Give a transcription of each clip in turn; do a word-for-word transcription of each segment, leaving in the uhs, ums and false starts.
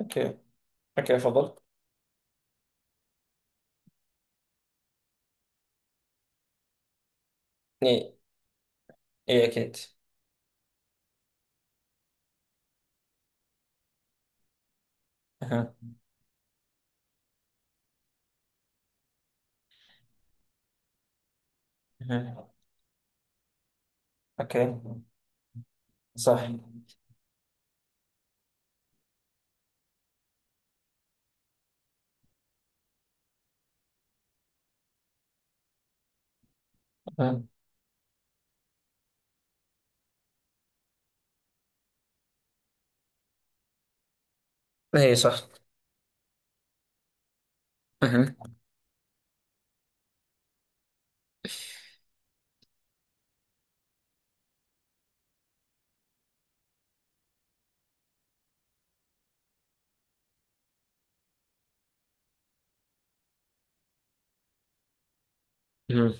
اوكي، اوكي، تفضل. اي، اي، اكيد. أها. أها. اوكي. صح. أها. اي صح. أها. أها.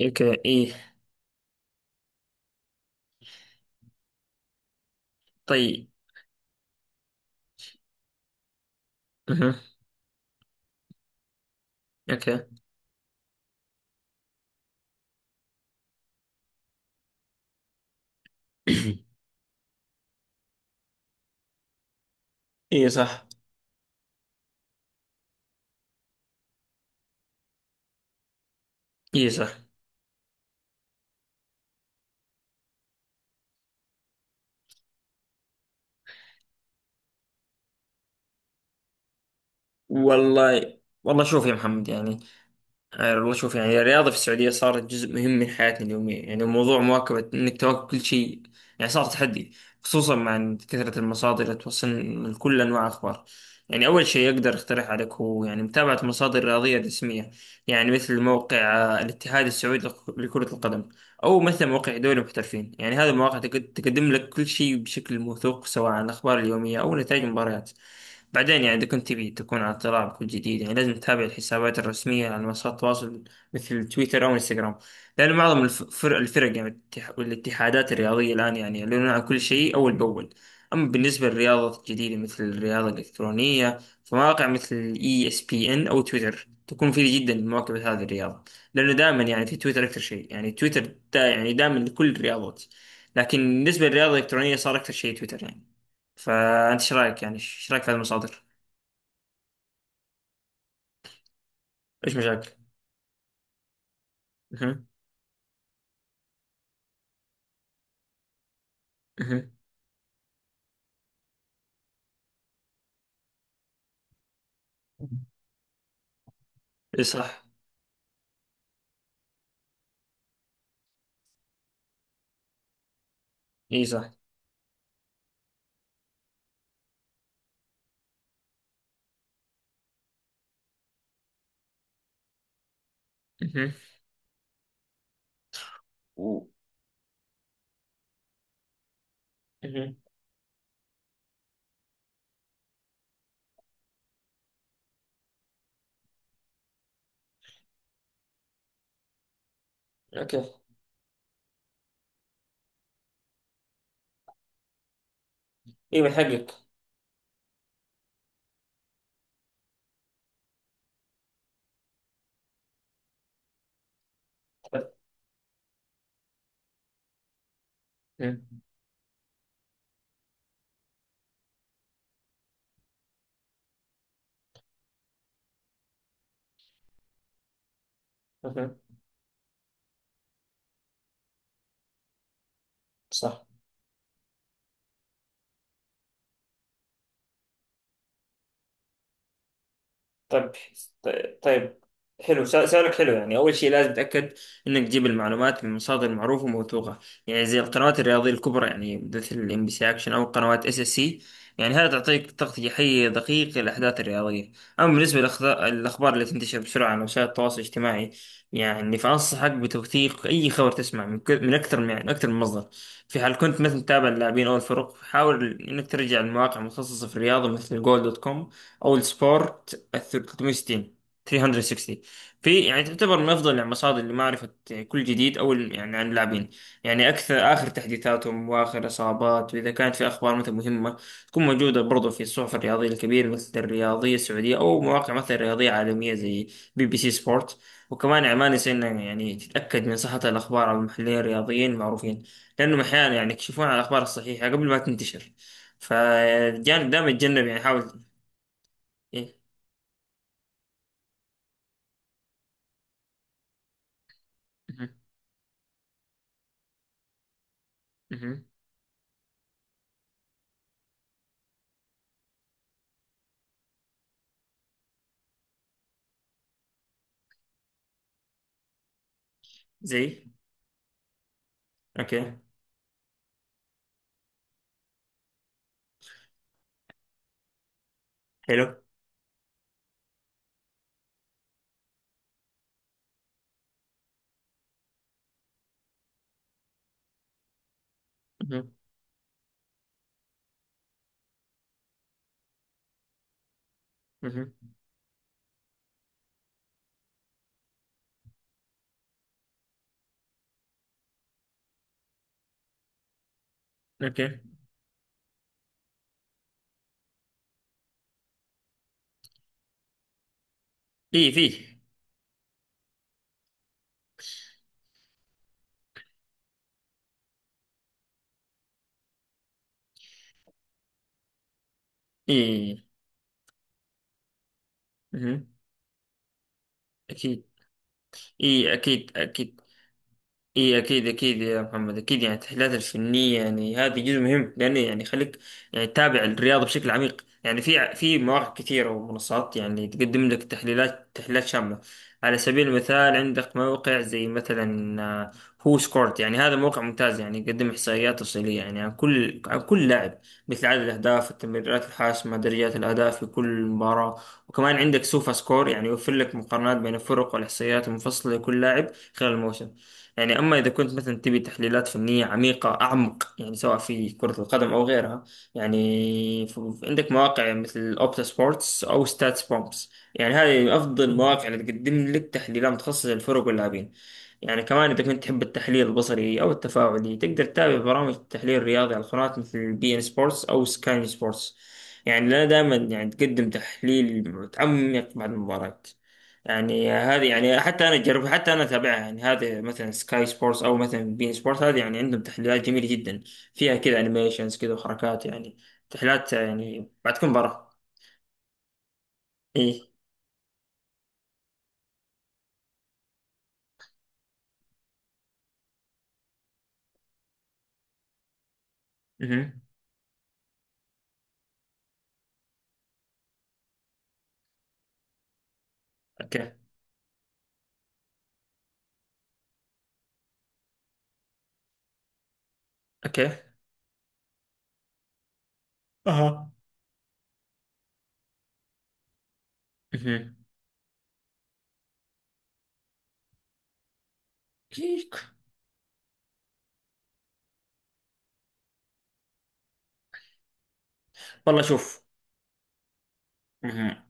اوكي. اي. طيب. أها. اوكي. اي صح. اي صح. والله، والله، شوف يا محمد، يعني يعني والله شوف، يعني الرياضة في السعودية صارت جزء مهم من حياتنا اليومية، يعني موضوع مواكبة إنك تواكب كل شيء يعني صار تحدي، خصوصا مع كثرة المصادر اللي توصلنا من كل أنواع الأخبار. يعني أول شيء أقدر أقترح عليك هو يعني متابعة مصادر رياضية رسمية، يعني مثل موقع آه، الاتحاد السعودي لك- لكرة القدم، أو مثل موقع دوري المحترفين. يعني هذه المواقع تقد- تقدم لك كل شيء بشكل موثوق، سواء عن الأخبار اليومية أو نتائج المباريات. بعدين يعني إذا كنت تبي تكون على اطلاع بكل جديد، يعني لازم تتابع الحسابات الرسمية على منصات التواصل مثل تويتر أو انستغرام، لأن معظم الفرق, الفرق يعني الاتح- والاتحادات الرياضية الآن يعني يعلنون عن كل شيء أول بأول. أما بالنسبة للرياضة الجديدة مثل الرياضة الإلكترونية، فمواقع مثل إي إس بي إن أو تويتر تكون مفيدة جدا لمواكبة هذه الرياضة، لأنه دائما يعني في تويتر أكثر شيء، يعني تويتر دا يعني دائما لكل الرياضات، لكن بالنسبة للرياضة الإلكترونية صار أكثر شيء تويتر يعني. فانت ايش رايك، يعني ايش رايك في هذه المصادر؟ ايش مشاكل؟ اها. اها. اي صح. اي صح. اها. و- اها. اوكي. اي، من حقك. أها. أها. صح. طيب، طيب. حلو. سؤ- سؤالك حلو. يعني أول شيء لازم تتأكد إنك تجيب المعلومات من مصادر معروفة وموثوقة، يعني زي القنوات الرياضية الكبرى، يعني مثل ام بي سي أكشن أو قنوات اس اس سي. يعني هذا تعطيك تغطية حية دقيقة للأحداث الرياضية. أما بالنسبة للأخبار اللي تنتشر بسرعة على وسائل التواصل الاجتماعي، يعني فأنصحك بتوثيق أي خبر تسمع من، كل- من أكثر من يعني أكثر من مصدر. في حال كنت مثلا تتابع اللاعبين أو الفرق، حاول إنك ترجع لمواقع متخصصة في الرياضة مثل جول دوت كوم أو السبور الثل- ثلاث مية وستين ثلاث مية وستين. في يعني تعتبر من افضل المصادر لمعرفه كل جديد، او ال- يعني عن اللاعبين، يعني اكثر اخر تحديثاتهم واخر اصابات، واذا كانت في اخبار مثلا مهمه تكون موجوده برضو في الصحف الرياضيه الكبيره مثل الرياضيه السعوديه، او مواقع مثلا رياضيه عالميه زي بي بي سي سبورت. وكمان يعني ما نسينا، يعني تتاكد من صحه الاخبار على المحللين الرياضيين المعروفين، لانهم احيانا يعني يكشفون على الاخبار الصحيحه قبل ما تنتشر. فالجانب دائما يتجنب، يعني حاول. إيه. زي. اوكي. حلو. مهم. مهم. اوكي. اي، فيه. اي. مهم. اكيد. اي، اكيد، اكيد. اي، اكيد، اكيد يا محمد. اكيد، يعني التحليلات الفنيه، يعني هذا جزء مهم، لانه يعني يخليك يعني تتابع الرياضه بشكل عميق، يعني في في مواقع كثيره ومنصات، يعني تقدم لك تحليلات تحليلات شامله. على سبيل المثال، عندك موقع زي مثلا هو سكورت، يعني هذا موقع ممتاز، يعني يقدم احصائيات تفصيليه يعني عن كل عن كل لاعب، مثل عدد الاهداف، التمريرات الحاسمه، درجات الاداء في كل مباراه. وكمان عندك سوفا سكور، يعني يوفر لك مقارنات بين الفرق والاحصائيات المفصله لكل لاعب خلال الموسم. يعني أما إذا كنت مثلا تبي تحليلات فنية عميقة أعمق، يعني سواء في كرة القدم أو غيرها، يعني ف- عندك مواقع مثل أوبتا سبورتس أو ستاتس بومبس، يعني هذه أفضل مواقع اللي تقدم لك تحليلات متخصصة للفرق واللاعبين. يعني كمان إذا كنت تحب التحليل البصري أو التفاعلي، تقدر تتابع برامج التحليل الرياضي على القنوات مثل بي إن سبورتس أو سكاي سبورتس، يعني لنا دائما يعني تقدم تحليل متعمق بعد المباراة. يعني هذه يعني حتى انا جرب حتى انا اتابعها، يعني هذه مثلا سكاي سبورتس او مثلا بين سبورت، هذه يعني عندهم تحليلات جميله جدا فيها كذا انيميشنز كذا وحركات، يعني تحليلات يعني بعد تكون برا. ايه. اها. اوكي، اوكي. اها، اها. والله شوف. اها.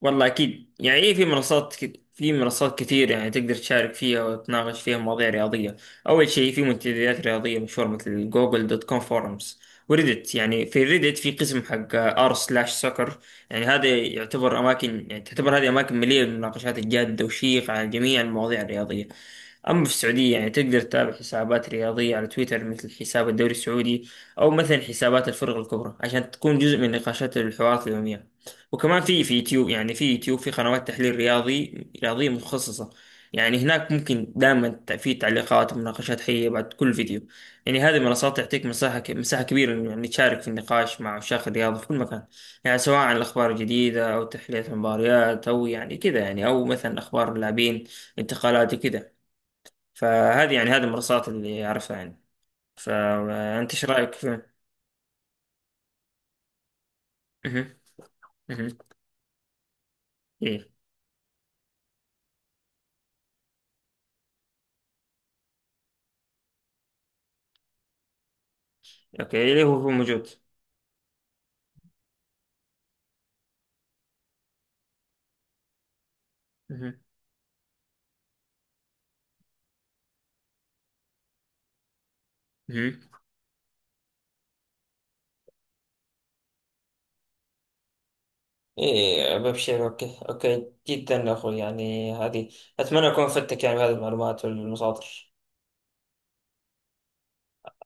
والله أكيد، يعني إيه، في منصات كت- في منصات كتير يعني تقدر تشارك فيها وتناقش فيها مواضيع رياضية. أول شيء في منتديات رياضية مشهورة مثل جوجل دوت كوم فورمز وريدت، يعني في ريدت، في قسم حق r سلاش سoccer. يعني هذا يعتبر أماكن، يعني تعتبر هذه أماكن مليئة بالمناقشات الجادة وشيقة على جميع المواضيع الرياضية. أما في السعودية، يعني تقدر تتابع حسابات رياضية على تويتر مثل حساب الدوري السعودي، أو مثلا حسابات الفرق الكبرى، عشان تكون جزء من نقاشات الحوارات اليومية. وكمان في في يوتيوب، يعني في يوتيوب في قنوات تحليل رياضي رياضية متخصصة. يعني هناك ممكن دائما ت- في تعليقات ومناقشات حية بعد كل فيديو. يعني هذه المنصات تعطيك مساحة ك- مساحة كبيرة إنه يعني تشارك في النقاش مع عشاق الرياضة في كل مكان، يعني سواء عن الأخبار الجديدة أو تحلية المباريات أو يعني كذا، يعني أو مثلا أخبار اللاعبين، انتقالات وكذا. فهذه يعني هذه المنصات اللي أعرفها، يعني فأنت إيش رأيك في؟ مهم. مهم. إيه. أوكي، اللي هو هو موجود. مهم. مهم. إيه، ببشر. أوكي، أوكي، جدا يا أخوي، يعني هذه، أتمنى أكون فدتك يعني بهذه المعلومات والمصادر.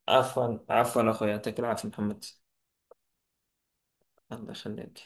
عفوا، عفوا أخوي، يعطيك العافية محمد. الله يخليك.